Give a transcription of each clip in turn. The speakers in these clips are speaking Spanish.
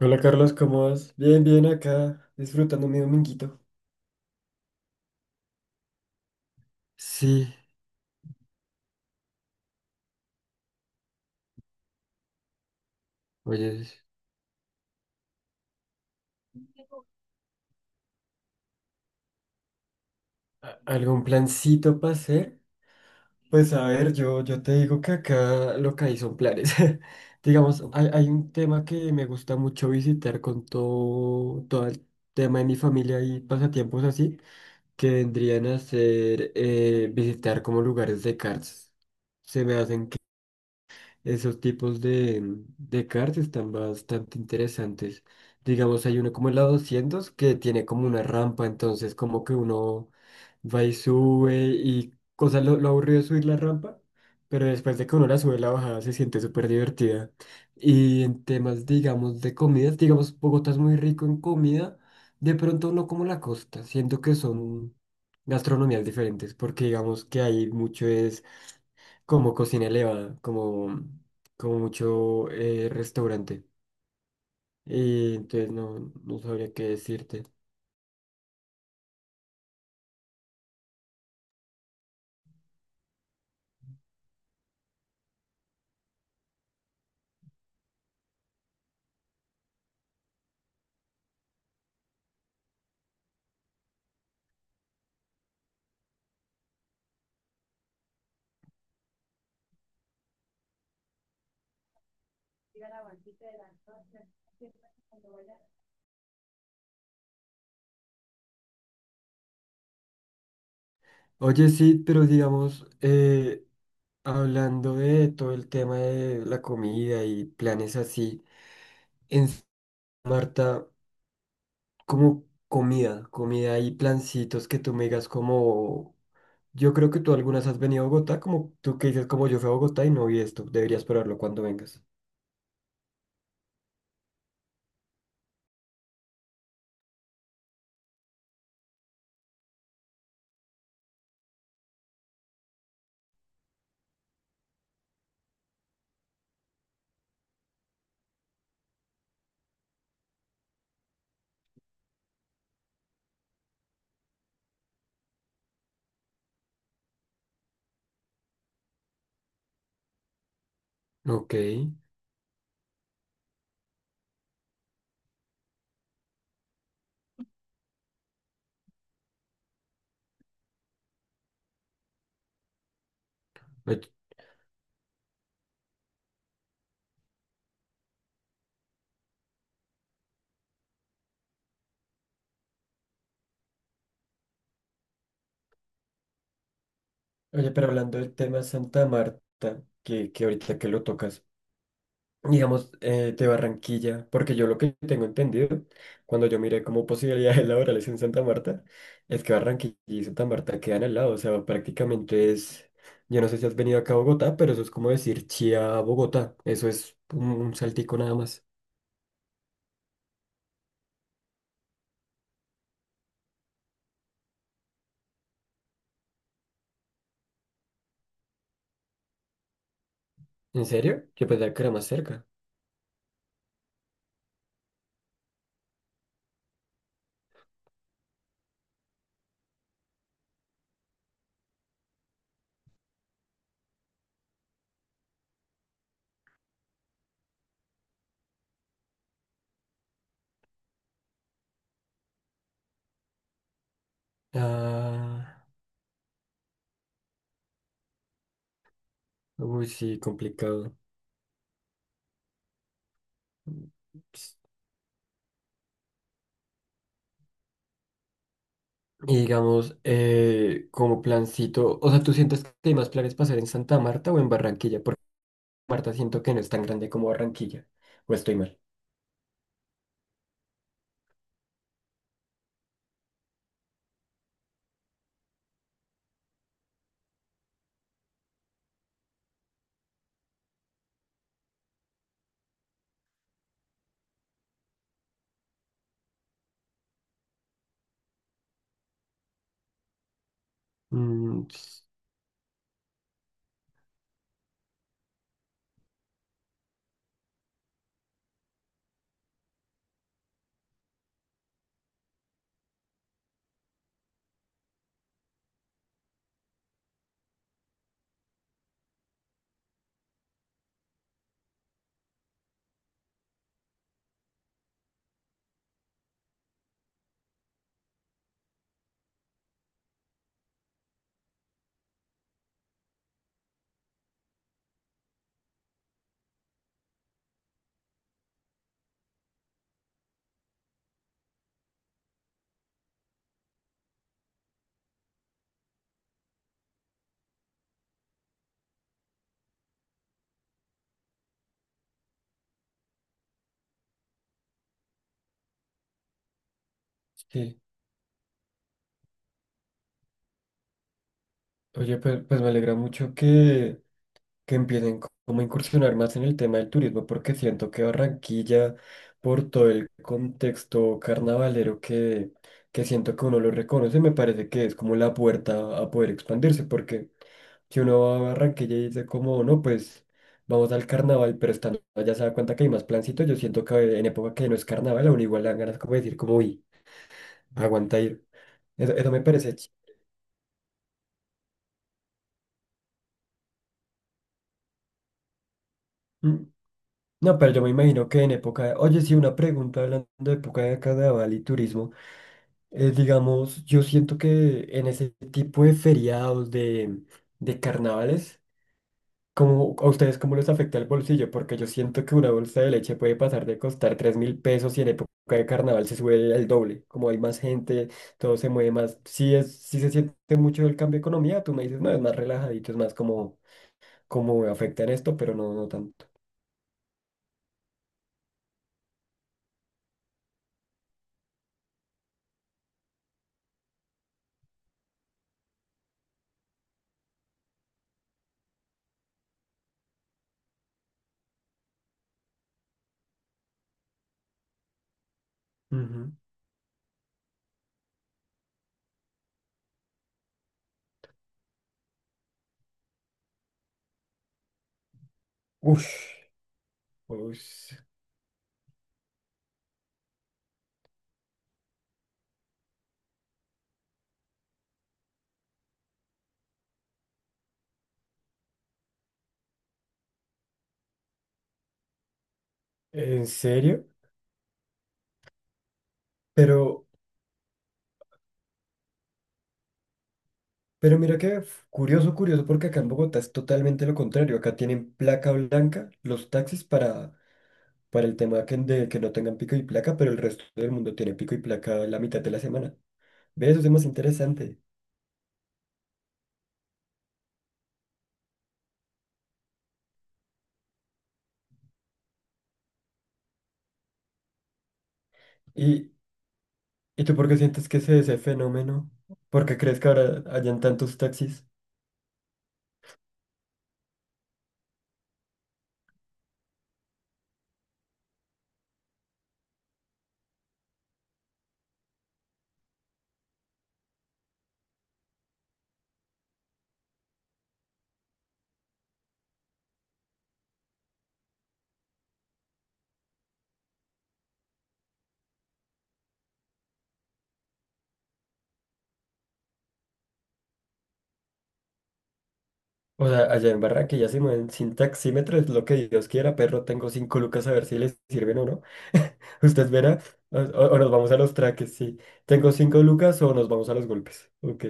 Hola Carlos, ¿cómo vas? Bien, bien acá, disfrutando mi dominguito. Sí, oye, ¿Algún plancito para hacer? Pues a ver, yo te digo que acá lo que hay son planes. Digamos, hay un tema que me gusta mucho visitar con todo, todo el tema de mi familia y pasatiempos así, que vendrían a ser visitar como lugares de karts. Se me hacen esos tipos de, cards están bastante interesantes. Digamos, hay uno como el la 200 que tiene como una rampa, entonces como que uno va y sube y cosa lo aburrido es subir la rampa, pero después de que uno la sube, la bajada se siente súper divertida. Y en temas, digamos, de comidas, digamos, Bogotá es muy rico en comida, de pronto no como la costa, siento que son gastronomías diferentes, porque digamos que hay mucho es como cocina elevada, como mucho restaurante. Y entonces no, no sabría qué decirte. Oye, sí, pero digamos, hablando de todo el tema de la comida y planes así, en Santa Marta, como comida, comida y plancitos que tú me digas como, yo creo que tú algunas has venido a Bogotá, como tú que dices como yo fui a Bogotá y no vi esto, deberías probarlo cuando vengas. Ok, oye, Oye, pero hablando del tema Santa Marta, que ahorita que lo tocas, digamos, de Barranquilla, porque yo lo que tengo entendido, cuando yo miré como posibilidades laborales en Santa Marta, es que Barranquilla y Santa Marta quedan al lado, o sea, prácticamente es, yo no sé si has venido acá a Bogotá, pero eso es como decir Chía a Bogotá, eso es un saltico nada más. ¿En serio? Yo pensaba que era más cerca. Ah, uy, sí, complicado. Y digamos, como plancito, o sea, ¿tú sientes que hay más planes para hacer en Santa Marta o en Barranquilla? Porque Marta siento que no es tan grande como Barranquilla. ¿O estoy mal? Mm, sí. Oye, pues me alegra mucho que, empiecen como a incursionar más en el tema del turismo, porque siento que Barranquilla, por todo el contexto carnavalero que siento que uno lo reconoce, me parece que es como la puerta a poder expandirse, porque que uno va a Barranquilla y dice como, no, pues vamos al carnaval, pero estando allá se da cuenta que hay más plancito, yo siento que en época que no es carnaval, a uno igual le dan ganas como de decir como, uy, aguanta ir. Eso me parece... Mm, no, pero yo me imagino que en época de... Oye, sí, una pregunta hablando de época de carnaval y turismo. Digamos, yo siento que en ese tipo de feriados, de, carnavales, ¿cómo, a ustedes cómo les afecta el bolsillo? Porque yo siento que una bolsa de leche puede pasar de costar 3.000 pesos y en época de carnaval se sube al doble. Como hay más gente, todo se mueve más. Sí, sí se siente mucho el cambio de economía. Tú me dices, no, es más relajadito, es más como, como afecta en esto, pero no, no tanto. Ujú. Ush, ush, ¿en serio? Pero, pero mira que curioso, curioso, porque acá en Bogotá es totalmente lo contrario. Acá tienen placa blanca los taxis para el tema de que no tengan pico y placa, pero el resto del mundo tiene pico y placa la mitad de la semana. Ve, eso es más interesante. ¿Y, y tú por qué sientes que se ese fenómeno? ¿Por qué crees que ahora hayan tantos taxis? O sea, allá en Barranquilla ya se mueven sin taxímetro, es lo que Dios quiera, perro, tengo cinco lucas a ver si les sirven o no. Usted verá, o nos vamos a los traques, sí. Tengo cinco lucas o nos vamos a los golpes. Ok.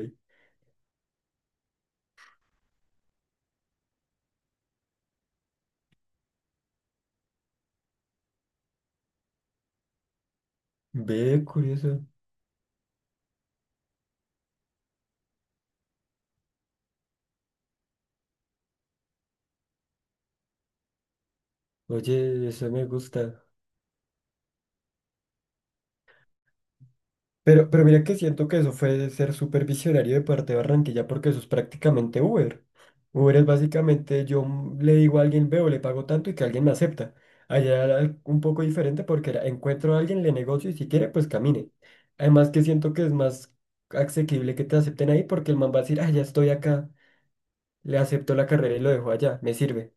Ve, curioso. Oye, eso me gusta. Pero mira que siento que eso fue de ser súper visionario de parte de Barranquilla porque eso es prácticamente Uber. Uber es básicamente yo le digo a alguien, veo, le pago tanto y que alguien me acepta. Allá era un poco diferente porque era, encuentro a alguien, le negocio y si quiere, pues camine. Además que siento que es más asequible que te acepten ahí porque el man va a decir, ah, ya estoy acá, le acepto la carrera y lo dejo allá, me sirve.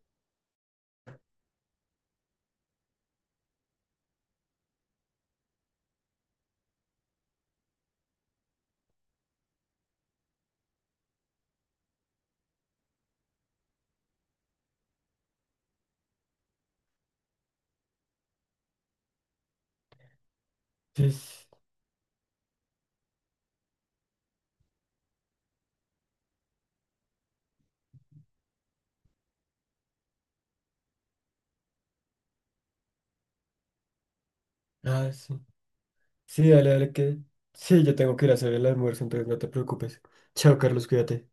Sí, sí. Ah, sí. Sí, dale, dale, que... Sí, yo tengo que ir a hacer el almuerzo, entonces no te preocupes. Chao, Carlos, cuídate.